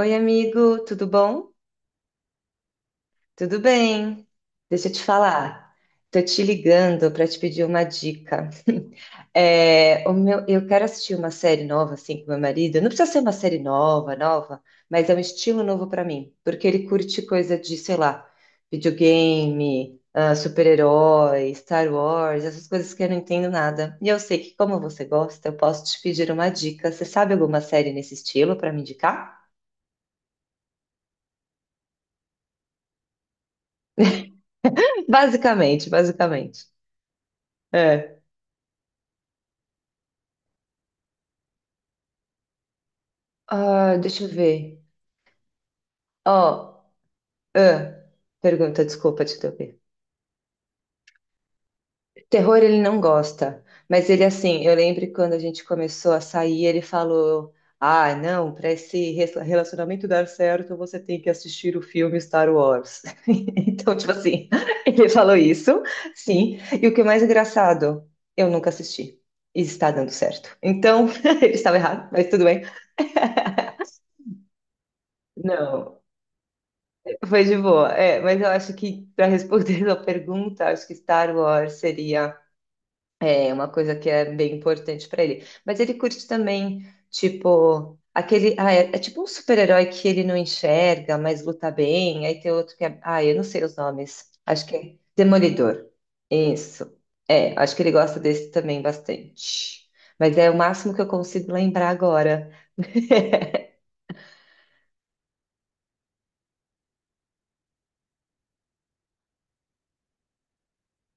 Oi, amigo, tudo bom? Tudo bem? Deixa eu te falar. Tô te ligando para te pedir uma dica. Eu quero assistir uma série nova assim com meu marido. Não precisa ser uma série nova, nova, mas é um estilo novo para mim, porque ele curte coisa de, sei lá, videogame, super-herói, Star Wars, essas coisas que eu não entendo nada. E eu sei que como você gosta, eu posso te pedir uma dica. Você sabe alguma série nesse estilo para me indicar? Basicamente, basicamente. É. Ah, deixa eu ver. Ó, ah, pergunta, desculpa te interromper. Terror ele não gosta, mas ele assim, eu lembro que quando a gente começou a sair, ele falou: "Ah, não, para esse relacionamento dar certo, você tem que assistir o filme Star Wars". Então, tipo assim, ele falou isso, sim. E o que é mais engraçado, eu nunca assisti. E está dando certo. Então, ele estava errado, mas tudo bem. Não. Foi de boa, é, mas eu acho que para responder a pergunta, acho que Star Wars seria uma coisa que é bem importante para ele. Mas ele curte também, tipo, aquele. Ah, é, é tipo um super-herói que ele não enxerga, mas luta bem. Aí tem outro que é. Ah, eu não sei os nomes. Acho que é Demolidor. Isso. É, acho que ele gosta desse também bastante. Mas é o máximo que eu consigo lembrar agora.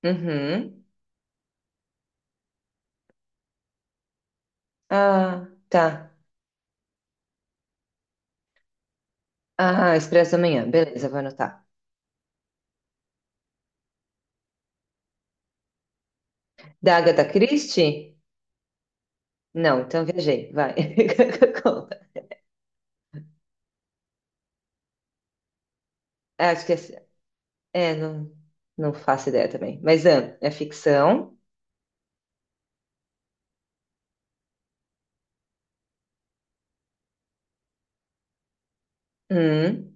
Uhum. Ah, tá. Ah, Expresso da Manhã. Beleza, vou anotar. Da Agatha Christie? Não, então viajei, vai. Conta. É, acho que é, é, não, não faço ideia também. Mas ah, é ficção. Hum,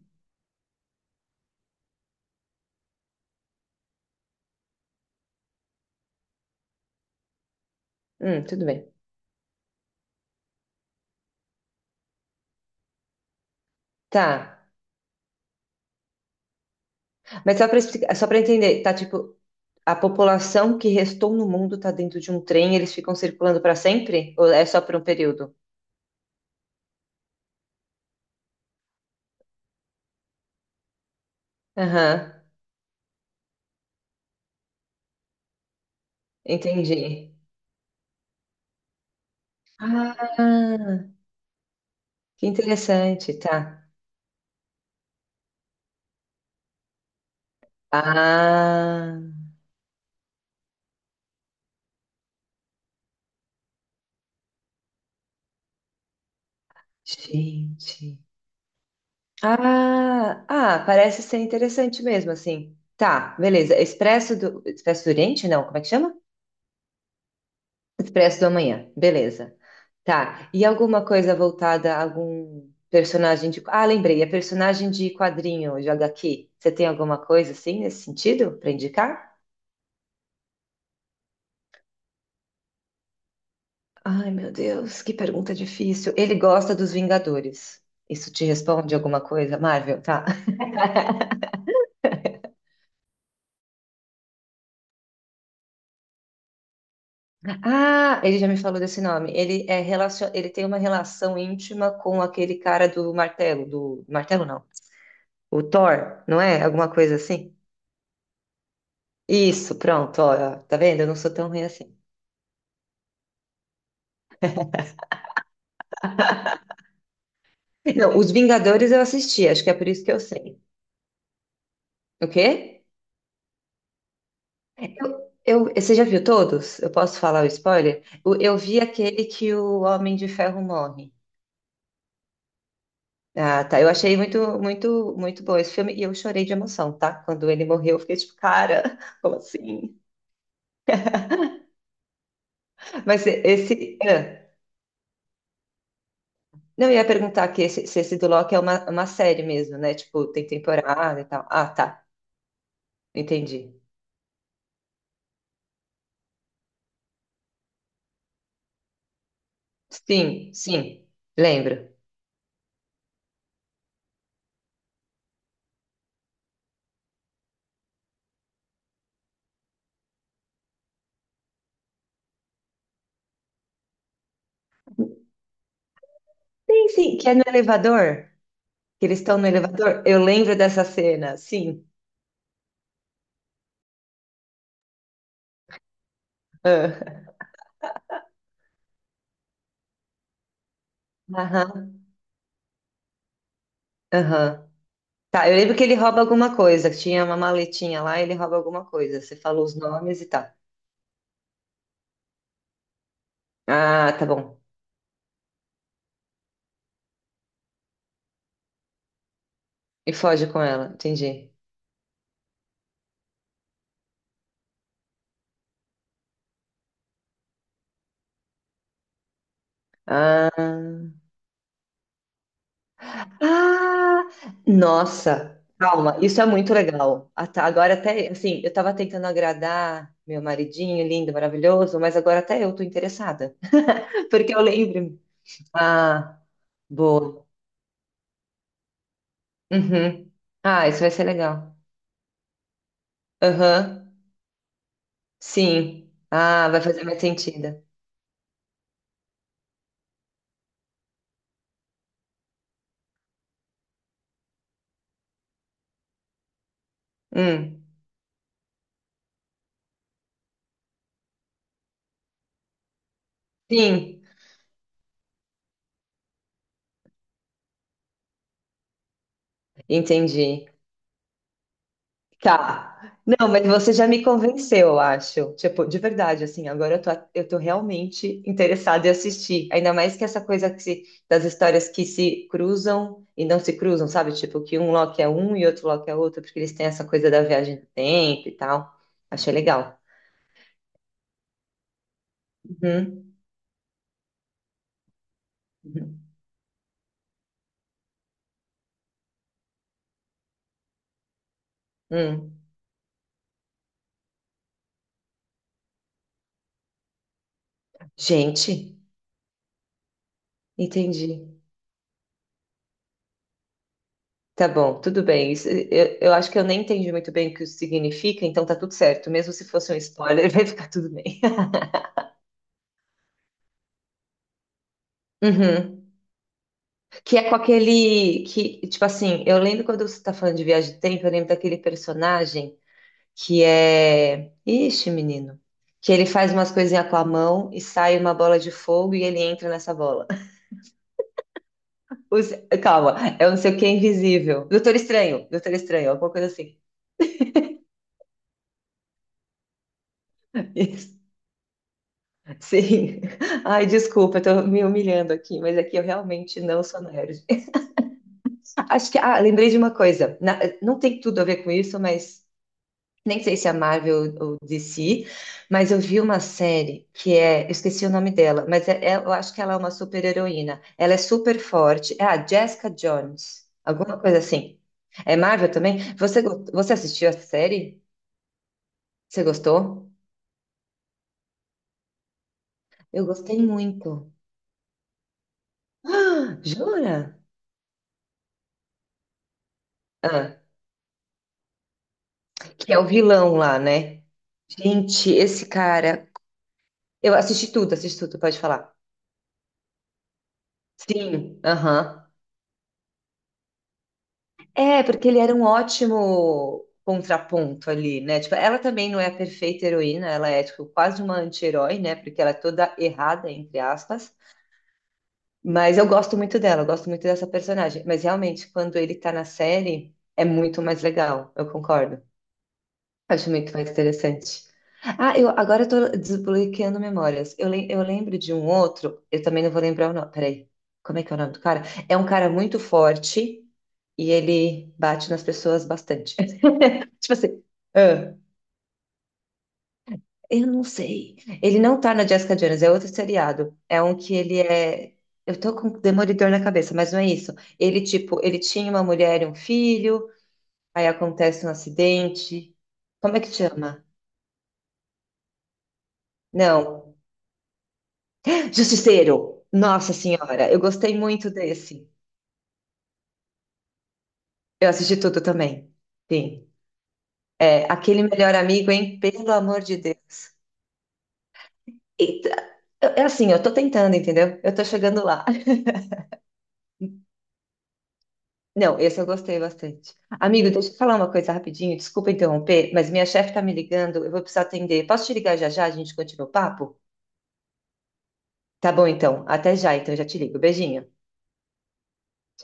tudo bem. Tá. Mas só para explicar, só para entender, tá tipo, a população que restou no mundo tá dentro de um trem, eles ficam circulando para sempre? Ou é só por um período? Aham, entendi. Ah, que interessante, tá. Ah, gente. Ah, ah, parece ser interessante mesmo, assim. Tá, beleza. Expresso do Oriente? Não, como é que chama? Expresso do Amanhã. Beleza. Tá. E alguma coisa voltada a algum personagem de. Ah, lembrei, é personagem de quadrinho, de HQ. Você tem alguma coisa assim nesse sentido para indicar? Ai, meu Deus, que pergunta difícil. Ele gosta dos Vingadores. Isso te responde alguma coisa, Marvel? Tá. Ah, ele já me falou desse nome. Ele é relacion... ele tem uma relação íntima com aquele cara do martelo não. O Thor, não é? Alguma coisa assim? Isso, pronto, ó, tá vendo? Eu não sou tão ruim assim. Não, Os Vingadores eu assisti, acho que é por isso que eu sei. O quê? Você já viu todos? Eu posso falar o spoiler? Eu vi aquele que o Homem de Ferro morre. Ah, tá. Eu achei muito, muito, muito bom esse filme e eu chorei de emoção, tá? Quando ele morreu, eu fiquei tipo, cara, como assim? Mas esse. Não, eu ia perguntar aqui se esse do Loki é uma série mesmo, né? Tipo, tem temporada e tal. Ah, tá. Entendi. Sim, sim. Lembro. Sim, sim, que é no elevador. Que eles estão no elevador. Eu lembro dessa cena, sim. Ah, aham, aham. Tá, eu lembro que ele rouba alguma coisa. Que Tinha uma maletinha lá e ele rouba alguma coisa. Você falou os nomes e tal. Ah, tá bom. E foge com ela, entendi. Ah. Ah, nossa, calma, isso é muito legal. Até- Agora até, assim, eu tava tentando agradar meu maridinho lindo, maravilhoso, mas agora até eu tô interessada. Porque eu lembro. Ah, boa. Uhum. Ah, isso vai ser legal. Aham, sim. Ah, vai fazer mais sentido. Hum. Sim, entendi. Tá. Não, mas você já me convenceu, eu acho. Tipo, de verdade, assim, agora eu tô realmente interessada em assistir. Ainda mais que essa coisa que se- das histórias que se cruzam e não se cruzam, sabe? Tipo, que um Loki é um e outro Loki é outro, porque eles têm essa coisa da viagem do tempo e tal. Achei legal. Uhum, uhum, uhum. Gente, entendi. Tá bom, tudo bem. Eu acho que eu nem entendi muito bem o que isso significa, então tá tudo certo. Mesmo se fosse um spoiler, vai ficar tudo bem. Uhum. Que é com aquele. Que, tipo assim, eu lembro quando você tá falando de viagem de tempo, eu lembro daquele personagem que é. Ixi, menino. Que ele faz umas coisinhas com a mão e sai uma bola de fogo e ele entra nessa bola. Os- Calma, é um não sei o que invisível. Doutor Estranho, Doutor Estranho, alguma coisa assim. Isso, sim. Ai, desculpa, eu tô me humilhando aqui, mas aqui eu realmente não sou nerd. Acho que. Ah, lembrei de uma coisa. Na- Não tem tudo a ver com isso, mas. Nem sei se é Marvel ou DC, mas eu vi uma série que é. Eu esqueci o nome dela, mas eu acho que ela é uma super-heroína. Ela é super forte. É a Jessica Jones, alguma coisa assim. É Marvel também? Você, você assistiu a série? Você gostou? Eu gostei muito. Ah, jura? Ah, que é o vilão lá, né? Gente, esse cara. Eu assisti tudo, pode falar. Sim, aham. É, porque ele era um ótimo contraponto ali, né? Tipo, ela também não é a perfeita heroína, ela é tipo, quase uma anti-herói, né? Porque ela é toda errada, entre aspas. Mas eu gosto muito dela, eu gosto muito dessa personagem. Mas realmente, quando ele tá na série, é muito mais legal, eu concordo. Acho muito mais interessante. Ah, eu agora eu tô desbloqueando memórias. Eu lembro de um outro, eu também não vou lembrar o nome. Peraí, como é que é o nome do cara? É um cara muito forte e ele bate nas pessoas bastante. Tipo assim, ah, eu não sei. Ele não tá na Jessica Jones, é outro seriado. É um que ele é. Eu tô com Demolidor na cabeça, mas não é isso. Ele, tipo, ele tinha uma mulher e um filho, aí acontece um acidente. Como é que chama? Não. Justiceiro! Nossa Senhora, eu gostei muito desse. Eu assisti tudo também. Sim. É, aquele melhor amigo, hein? Pelo amor de Deus. Eita, é assim, eu tô tentando, entendeu? Eu tô chegando lá. Não, esse eu gostei bastante. Amigo, deixa eu falar uma coisa rapidinho, desculpa interromper, mas minha chefe tá me ligando, eu vou precisar atender. Posso te ligar já já? A gente continua o papo? Tá bom, então. Até já, então já te ligo. Beijinho.